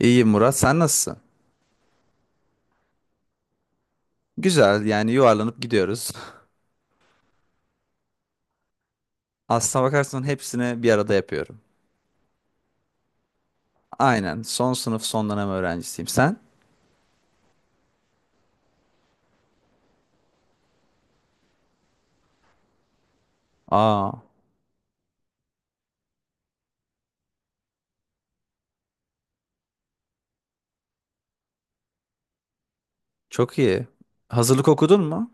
İyi Murat, sen nasılsın? Güzel, yani yuvarlanıp gidiyoruz. Aslına bakarsan hepsini bir arada yapıyorum. Aynen, son sınıf son dönem öğrencisiyim. Sen? Aa, çok iyi. Hazırlık okudun mu?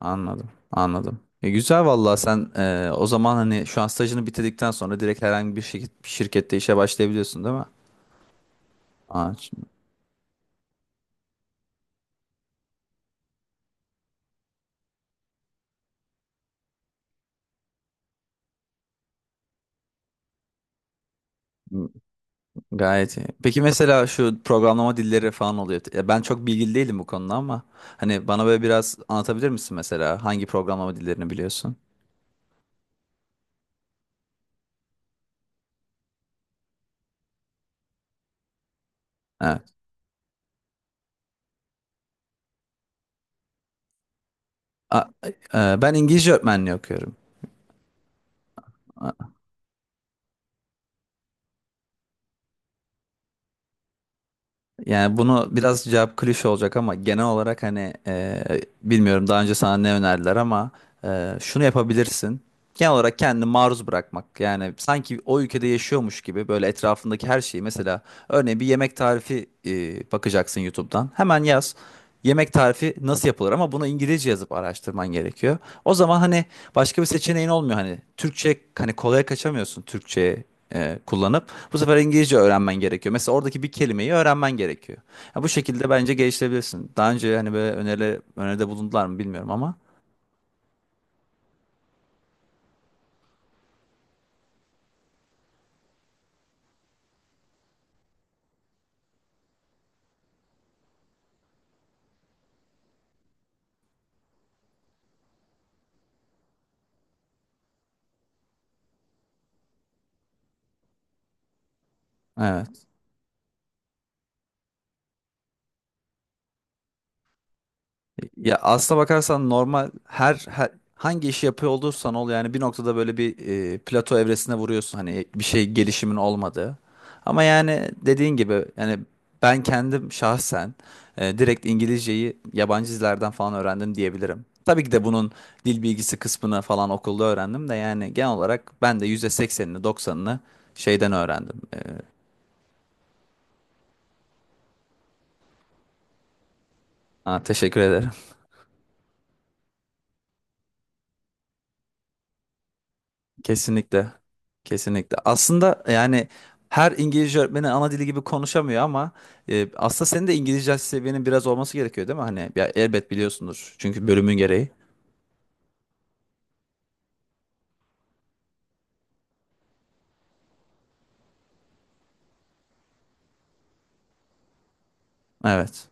Anladım, anladım. Güzel vallahi sen o zaman hani şu an stajını bitirdikten sonra direkt herhangi bir şirket, bir şirkette işe başlayabiliyorsun değil mi? Aa, ç- Gayet iyi. Peki mesela şu programlama dilleri falan oluyor. Ya ben çok bilgili değilim bu konuda ama hani bana böyle biraz anlatabilir misin mesela? Hangi programlama dillerini biliyorsun? Evet. A- Ben İngilizce öğretmenliği okuyorum. A- Yani bunu biraz cevap klişe olacak ama genel olarak hani bilmiyorum daha önce sana ne önerdiler ama şunu yapabilirsin. Genel olarak kendini maruz bırakmak. Yani sanki o ülkede yaşıyormuş gibi böyle etrafındaki her şeyi mesela örneğin bir yemek tarifi bakacaksın YouTube'dan. Hemen yaz. Yemek tarifi nasıl yapılır ama bunu İngilizce yazıp araştırman gerekiyor. O zaman hani başka bir seçeneğin olmuyor, hani Türkçe, hani kolaya kaçamıyorsun Türkçe kullanıp bu sefer İngilizce öğrenmen gerekiyor. Mesela oradaki bir kelimeyi öğrenmen gerekiyor. Ya bu şekilde bence geliştirebilirsin. Daha önce hani böyle öneride bulundular mı bilmiyorum ama evet. Ya aslına bakarsan normal her hangi işi yapıyor olursan ol yani bir noktada böyle bir plato evresine vuruyorsun, hani bir şey gelişimin olmadığı. Ama yani dediğin gibi yani ben kendim şahsen direkt İngilizceyi yabancı dizilerden falan öğrendim diyebilirim. Tabii ki de bunun dil bilgisi kısmını falan okulda öğrendim de yani genel olarak ben de %80'ini 90'ını şeyden öğrendim. Aa, teşekkür ederim. Kesinlikle. Kesinlikle. Aslında yani her İngilizce öğretmeni ana dili gibi konuşamıyor ama aslında senin de İngilizce seviyenin biraz olması gerekiyor değil mi? Hani ya, elbet biliyorsundur. Çünkü bölümün gereği. Evet.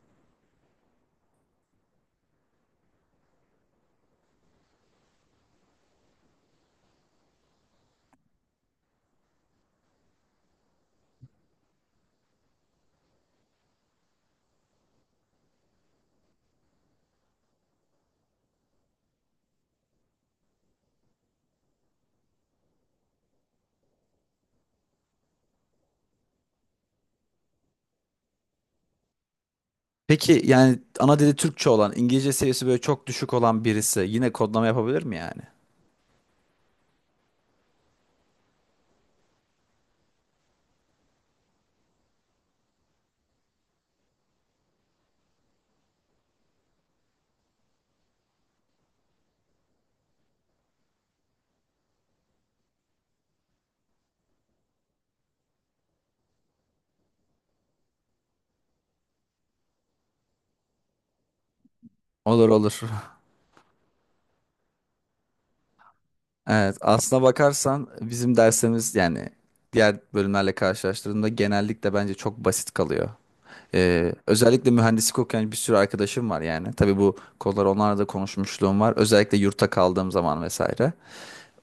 Peki yani ana dili Türkçe olan, İngilizce seviyesi böyle çok düşük olan birisi yine kodlama yapabilir mi yani? Olur olur. Evet, aslına bakarsan bizim dersimiz yani diğer bölümlerle karşılaştırdığında genellikle bence çok basit kalıyor. Özellikle mühendislik okuyan bir sürü arkadaşım var yani. Tabii bu konuları onlarla da konuşmuşluğum var. Özellikle yurtta kaldığım zaman vesaire.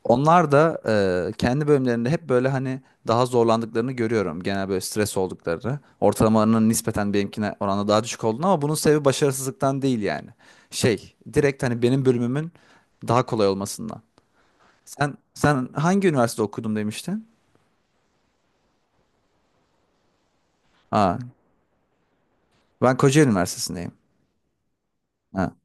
Onlar da kendi bölümlerinde hep böyle hani daha zorlandıklarını görüyorum. Genel böyle stres olduklarını. Ortalamalarının nispeten benimkine oranla daha düşük olduğunu, ama bunun sebebi başarısızlıktan değil yani. Şey, direkt hani benim bölümümün daha kolay olmasından. Sen hangi üniversitede okudum demiştin? Ha, ben Kocaeli Üniversitesi'ndeyim. Ha.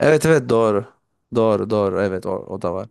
Evet evet doğru. Doğru doğru evet, o da var.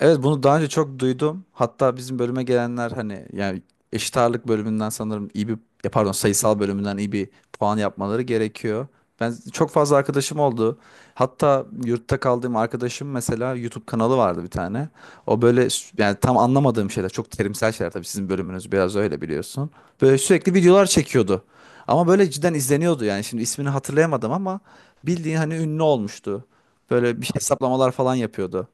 Evet bunu daha önce çok duydum. Hatta bizim bölüme gelenler hani yani eşit ağırlık bölümünden sanırım iyi bir, ya pardon, sayısal bölümünden iyi bir puan yapmaları gerekiyor. Ben çok fazla arkadaşım oldu. Hatta yurtta kaldığım arkadaşım mesela YouTube kanalı vardı bir tane. O böyle yani tam anlamadığım şeyler, çok terimsel şeyler, tabii sizin bölümünüz biraz öyle biliyorsun. Böyle sürekli videolar çekiyordu. Ama böyle cidden izleniyordu yani, şimdi ismini hatırlayamadım ama bildiğin hani ünlü olmuştu. Böyle bir şey hesaplamalar falan yapıyordu.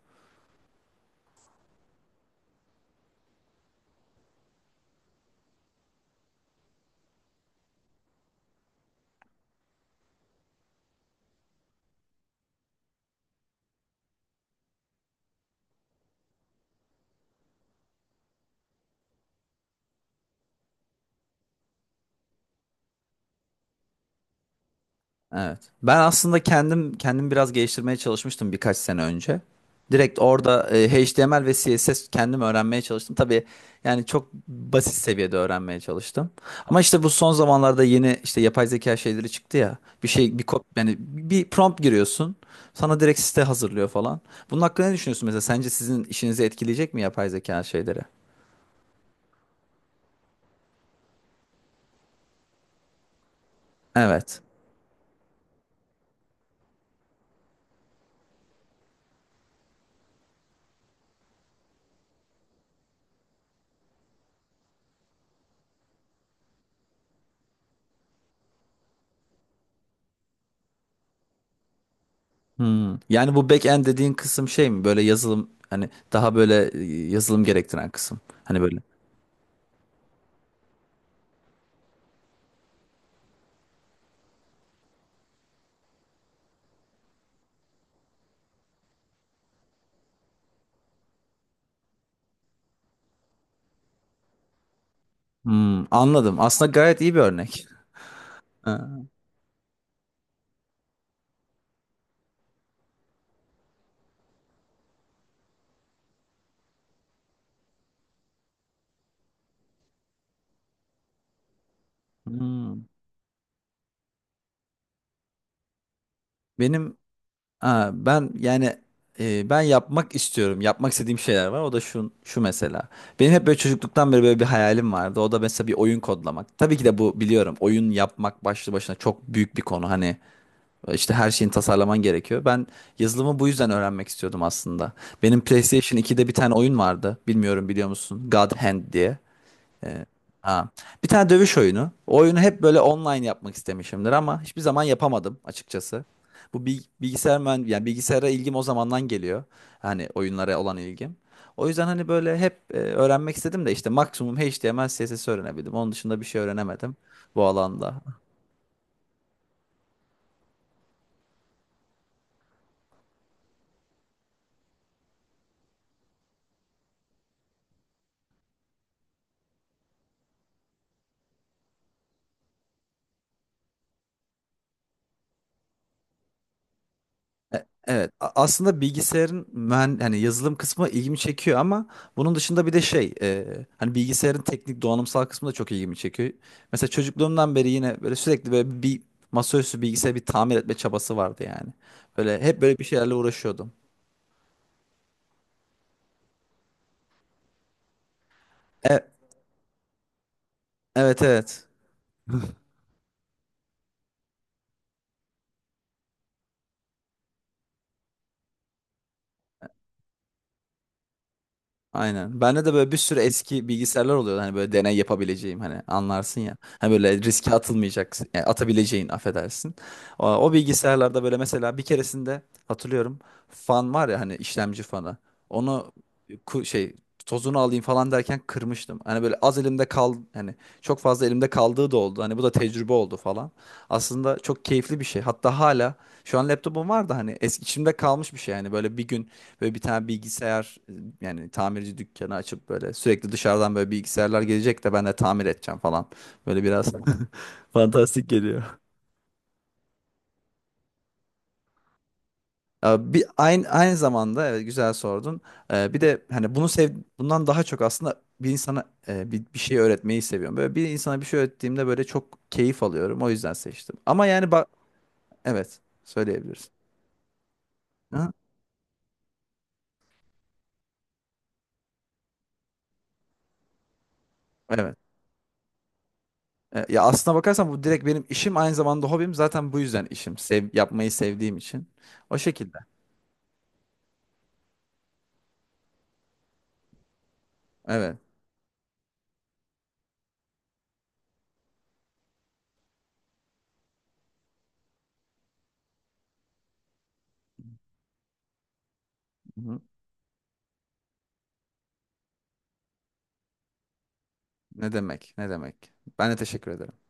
Evet. Ben aslında kendim biraz geliştirmeye çalışmıştım birkaç sene önce. Direkt orada HTML ve CSS kendim öğrenmeye çalıştım. Tabii yani çok basit seviyede öğrenmeye çalıştım. Ama işte bu son zamanlarda yeni işte yapay zeka şeyleri çıktı ya. Bir şey, bir kod, yani bir prompt giriyorsun. Sana direkt site hazırlıyor falan. Bunun hakkında ne düşünüyorsun mesela? Sence sizin işinizi etkileyecek mi yapay zeka şeyleri? Evet. Yani bu backend dediğin kısım şey mi? Böyle yazılım, hani daha böyle yazılım gerektiren kısım. Hani böyle. Hmm, anladım. Aslında gayet iyi bir örnek. Ha, hmm. Benim ha, Ben yani ben yapmak istiyorum. Yapmak istediğim şeyler var. O da şu şu mesela. Benim hep böyle çocukluktan beri böyle bir hayalim vardı. O da mesela bir oyun kodlamak. Tabii ki de bu, biliyorum, oyun yapmak başlı başına çok büyük bir konu. Hani işte her şeyin tasarlaman gerekiyor. Ben yazılımı bu yüzden öğrenmek istiyordum aslında. Benim PlayStation 2'de bir tane oyun vardı. Bilmiyorum biliyor musun? God Hand diye. Ha. Bir tane dövüş oyunu. O oyunu hep böyle online yapmak istemişimdir ama hiçbir zaman yapamadım açıkçası. Bu bil- bilgisayar mühend yani bilgisayara ilgim o zamandan geliyor. Hani oyunlara olan ilgim. O yüzden hani böyle hep öğrenmek istedim de işte maksimum HTML, CSS öğrenebildim. Onun dışında bir şey öğrenemedim bu alanda. Evet, aslında bilgisayarın hani yazılım kısmı ilgimi çekiyor ama bunun dışında bir de hani bilgisayarın teknik donanımsal kısmı da çok ilgimi çekiyor. Mesela çocukluğumdan beri yine böyle sürekli böyle bir masaüstü bilgisayarı bir tamir etme çabası vardı yani. Böyle hep böyle bir şeylerle uğraşıyordum. E- evet evet. Aynen. Bende de böyle bir sürü eski bilgisayarlar oluyor. Hani böyle deney yapabileceğim, hani anlarsın ya. Hani böyle riske atılmayacaksın. Yani atabileceğin, affedersin. O bilgisayarlarda böyle mesela bir keresinde hatırlıyorum fan var ya hani işlemci fanı. Onu ku- şey tozunu alayım falan derken kırmıştım. Hani böyle az elimde kal, hani çok fazla elimde kaldığı da oldu. Hani bu da tecrübe oldu falan. Aslında çok keyifli bir şey. Hatta hala şu an laptopum var da, hani eski içimde kalmış bir şey yani, böyle bir gün böyle bir tane bilgisayar yani tamirci dükkanı açıp böyle sürekli dışarıdan böyle bilgisayarlar gelecek de ben de tamir edeceğim falan. Böyle biraz fantastik geliyor. Bir aynı zamanda evet, güzel sordun. Bir de hani bunu sev bundan daha çok aslında bir insana bir şey öğretmeyi seviyorum. Böyle bir insana bir şey öğrettiğimde böyle çok keyif alıyorum. O yüzden seçtim. Ama yani bak evet söyleyebilirsin. Hı? Evet. Ya aslına bakarsan bu direkt benim işim aynı zamanda hobim. Zaten bu yüzden işim. Sev, yapmayı sevdiğim için. O şekilde. Evet. Hı hı. Ne demek? Ne demek? Ben de teşekkür ederim.